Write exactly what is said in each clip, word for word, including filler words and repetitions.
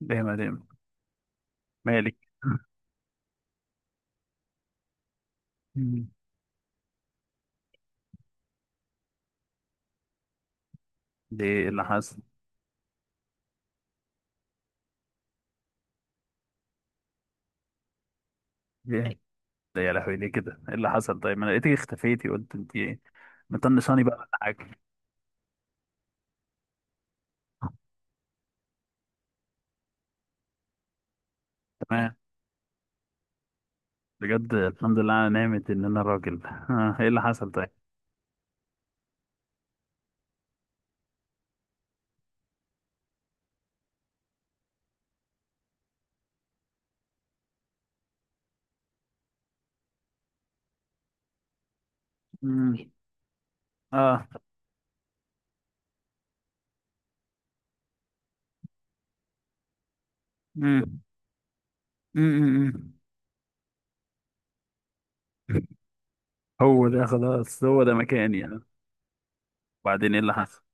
ليه؟ ما ليه؟ مالك؟ مم. ليه؟ ايه اللي حصل؟ ليه؟ ده يا لهوي، ليه كده؟ ايه اللي حصل؟ طيب ما انا لقيتك اختفيتي، قلت انت ايه؟ مطنشاني بقى ولا حاجه؟ تمام. بجد الحمد لله انا نعمت ان انا راجل. آه. ايه اللي حصل طيب؟ مم. اه. مم. مم. مم. مم. هو ده خلاص، هو ده مكاني يعني. وبعدين ايه اللي حصل؟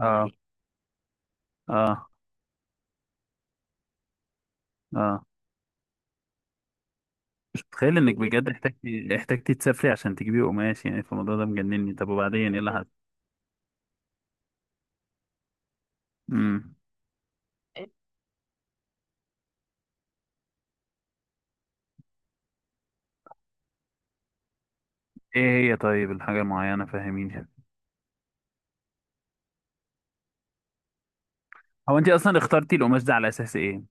اه. اه. اه. مش متخيل انك بجد احتاجتي احتاجتي تسافري عشان تجيبي قماش. يعني في الموضوع ده مجنني. طب وبعدين ايه اللي حصل؟ امم ايه هي طيب الحاجة المعينة؟ فهميني يعني. هو انت اصلا اخترتي القماش ده على اساس ايه؟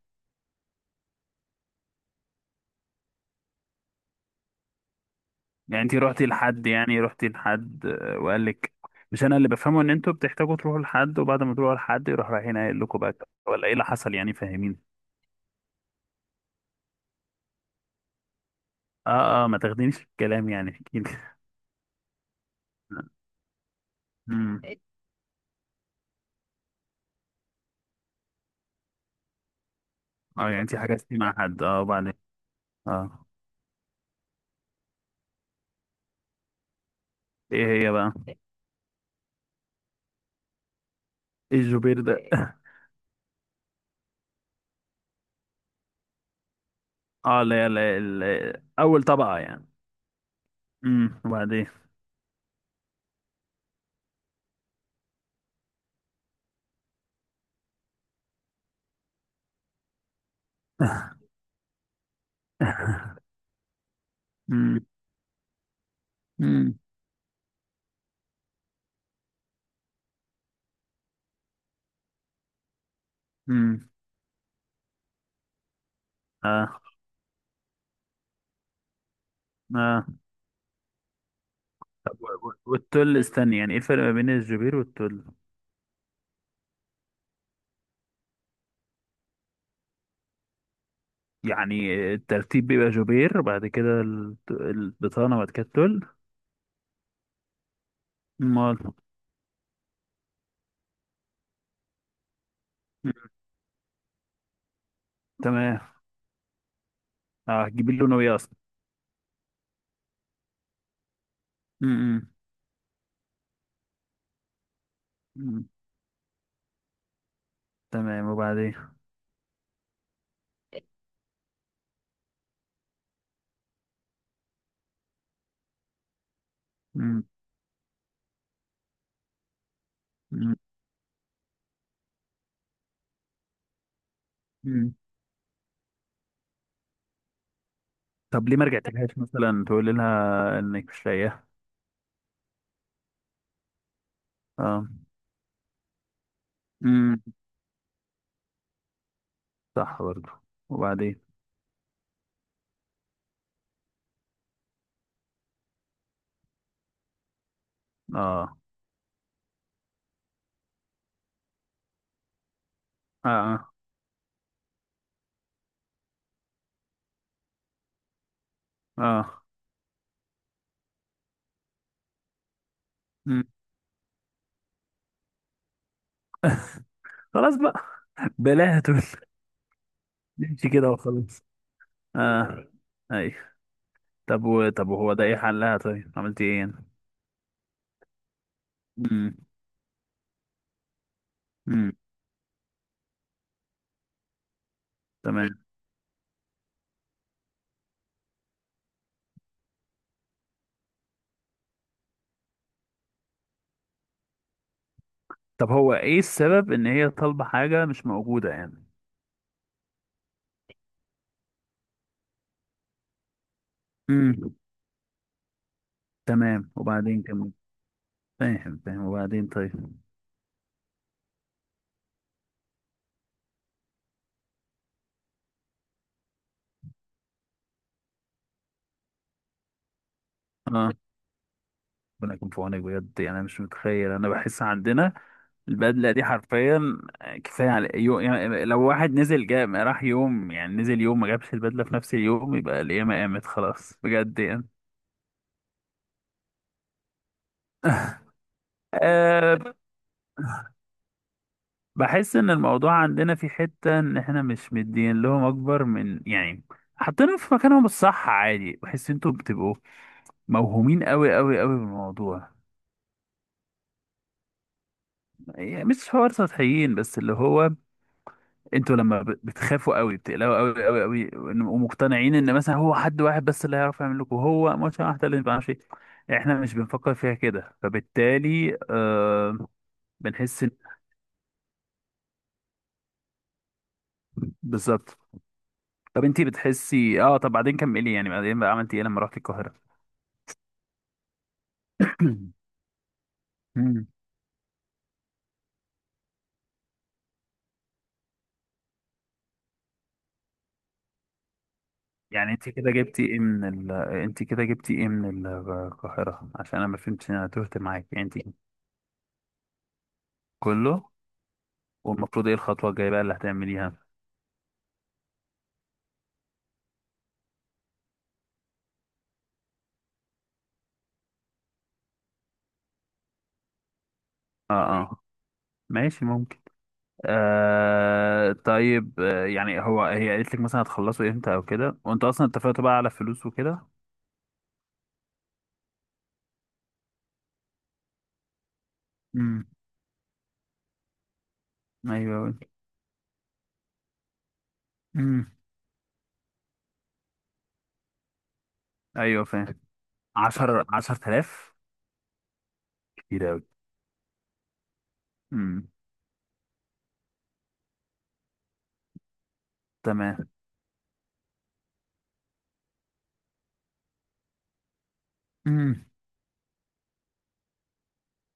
يعني انت روحتي لحد، يعني روحتي لحد آه، وقال لك؟ مش انا اللي بفهمه ان انتوا بتحتاجوا تروحوا لحد، وبعد ما تروحوا لحد يروح رايحين قايل لكم بقى؟ ولا ايه اللي حصل يعني؟ فهميني. اه اه، ما تاخدينيش في الكلام، يعني احكي لي. امم اه، يعني انت حجزتي مع حد. اه وبعدين؟ اه ايه هي بقى؟ ايه الجوبير ده؟ اه لا لا، ال- اول طبقة يعني. امم وبعدين؟ امم امم امم اه. اه. والتل، استني يعني ايه الفرق ما بين الجوبير والتل؟ يعني الترتيب بيبقى جوبير، بعد كده الت- البطانة، بعد كده التل؟ امال؟ مم. تمام. اه، هتجيبي لونه ايه اصلا؟ امم أمم. تمام وبعدين؟ امم أمم. أمم. طب ليه ما رجعتلهاش مثلا، تقولي لها انك مش لاقيها؟ اه. امم صح برضو. وبعدين؟ اه. اه. اه. آه. أمم. خلاص بقى. بلاها تقول. نمشي كده وخلاص. اه. اي. طب و... طب وهو ده ايه حلها؟ طيب، عملت ايه يعني؟ امم امم تمام. طب هو ايه السبب ان هي طالبة حاجة مش موجودة يعني؟ امم تمام وبعدين، كمل. فاهم فاهم، وبعدين؟ طيب. اه. ربنا يكون في عونك بجد يعني. انا مش متخيل، انا بحس عندنا البدله دي حرفيا كفايه على يو... يعني لو واحد نزل جا راح يوم، يعني نزل يوم ما جابش البدله في نفس اليوم، يبقى القيامه قامت خلاص بجد يعني. آه. بحس ان الموضوع عندنا في حتة ان احنا مش مدين لهم اكبر من يعني. حاطينهم في مكانهم الصح عادي. بحس انتوا بتبقوا موهومين قوي قوي قوي بالموضوع. يعني مش حوار سطحيين، بس اللي هو انتوا لما ب- بتخافوا قوي، بتقلقوا قوي قوي قوي ومقتنعين ان مثلا هو حد واحد بس اللي هيعرف يعمل لكم، هو ماتش واحد اللي ما بيعرفش إيه. احنا مش بنفكر فيها كده، فبالتالي آه. بنحس إن- بالظبط. طب انتي بتحسي؟ اه. طب بعدين كملي يعني، بعدين بقى عملتي ايه لما رحتي القاهرة؟ مم. يعني انت كده جبتي ايه من ال... انت كده جبتي ايه من القاهرة؟ عشان انا ما فهمتش، انا تهت معاك يعني انت. كله؟ والمفروض ايه الخطوة الجاية بقى اللي هتعمليها؟ اه. اه. ماشي، ممكن. آه طيب، آه يعني هو هي قالت لك مثلا هتخلصوا امتى او كده؟ وانت اصلا اتفقتوا بقى على فلوس وكده؟ امم ايوه. امم ايوه فاهم. عشرة، عشرة آلاف. كتير قوي. امم تمام. امم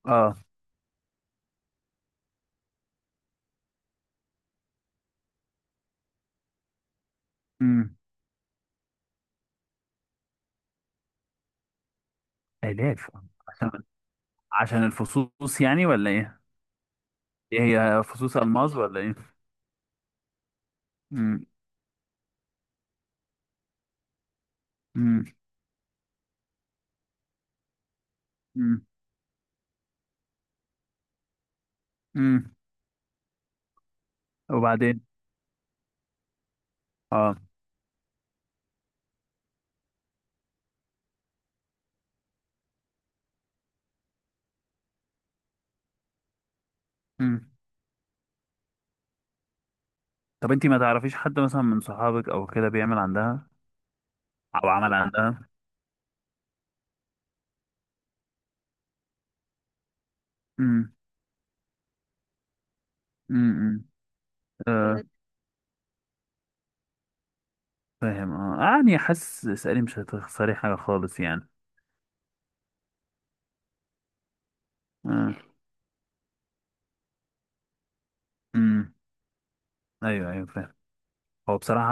اه. امم الاف. عشان، عشان الفصوص يعني ولا ايه؟ ايه، هي فصوص الماس ولا ايه؟ امم امم امم امم وبعدين؟ اه. امم طب انتي ما تعرفيش حد مثلا من صحابك او كده بيعمل عندها او عمل عندها؟ امم امم آه. فاهم. اه يعني حاسس اسألي، مش هتخسري حاجة خالص يعني. امم ايوه ايوه فاهم. هو بصراحة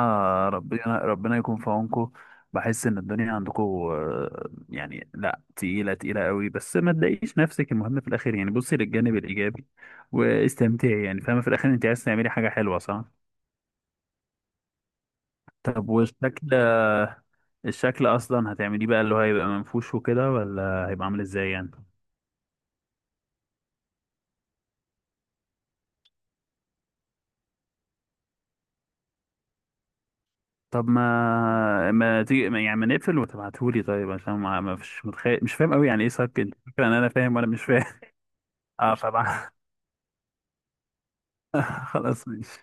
ربنا، ربنا يكون في عونكم. بحس إن الدنيا عندكم آه، يعني لا تقيلة، تقيلة قوي. بس ما تضايقيش نفسك، المهم في الآخر يعني بصي للجانب الإيجابي واستمتعي يعني. فاهمة، في الآخر أنت عايز تعملي حاجة حلوة صح؟ طب والشكل؟ الشكل أصلا هتعمليه بقى، اللي هو هيبقى منفوش وكده ولا هيبقى عامل إزاي يعني؟ طب ما ما تيجي ما- يعني ما نقفل وتبعتهولي طيب؟ عشان ما ما فيش، متخيل، مش فاهم قوي يعني إيه صك. أنت فاكرة إن أنا فاهم وأنا مش فاهم. أه طبعا. خلاص ماشي.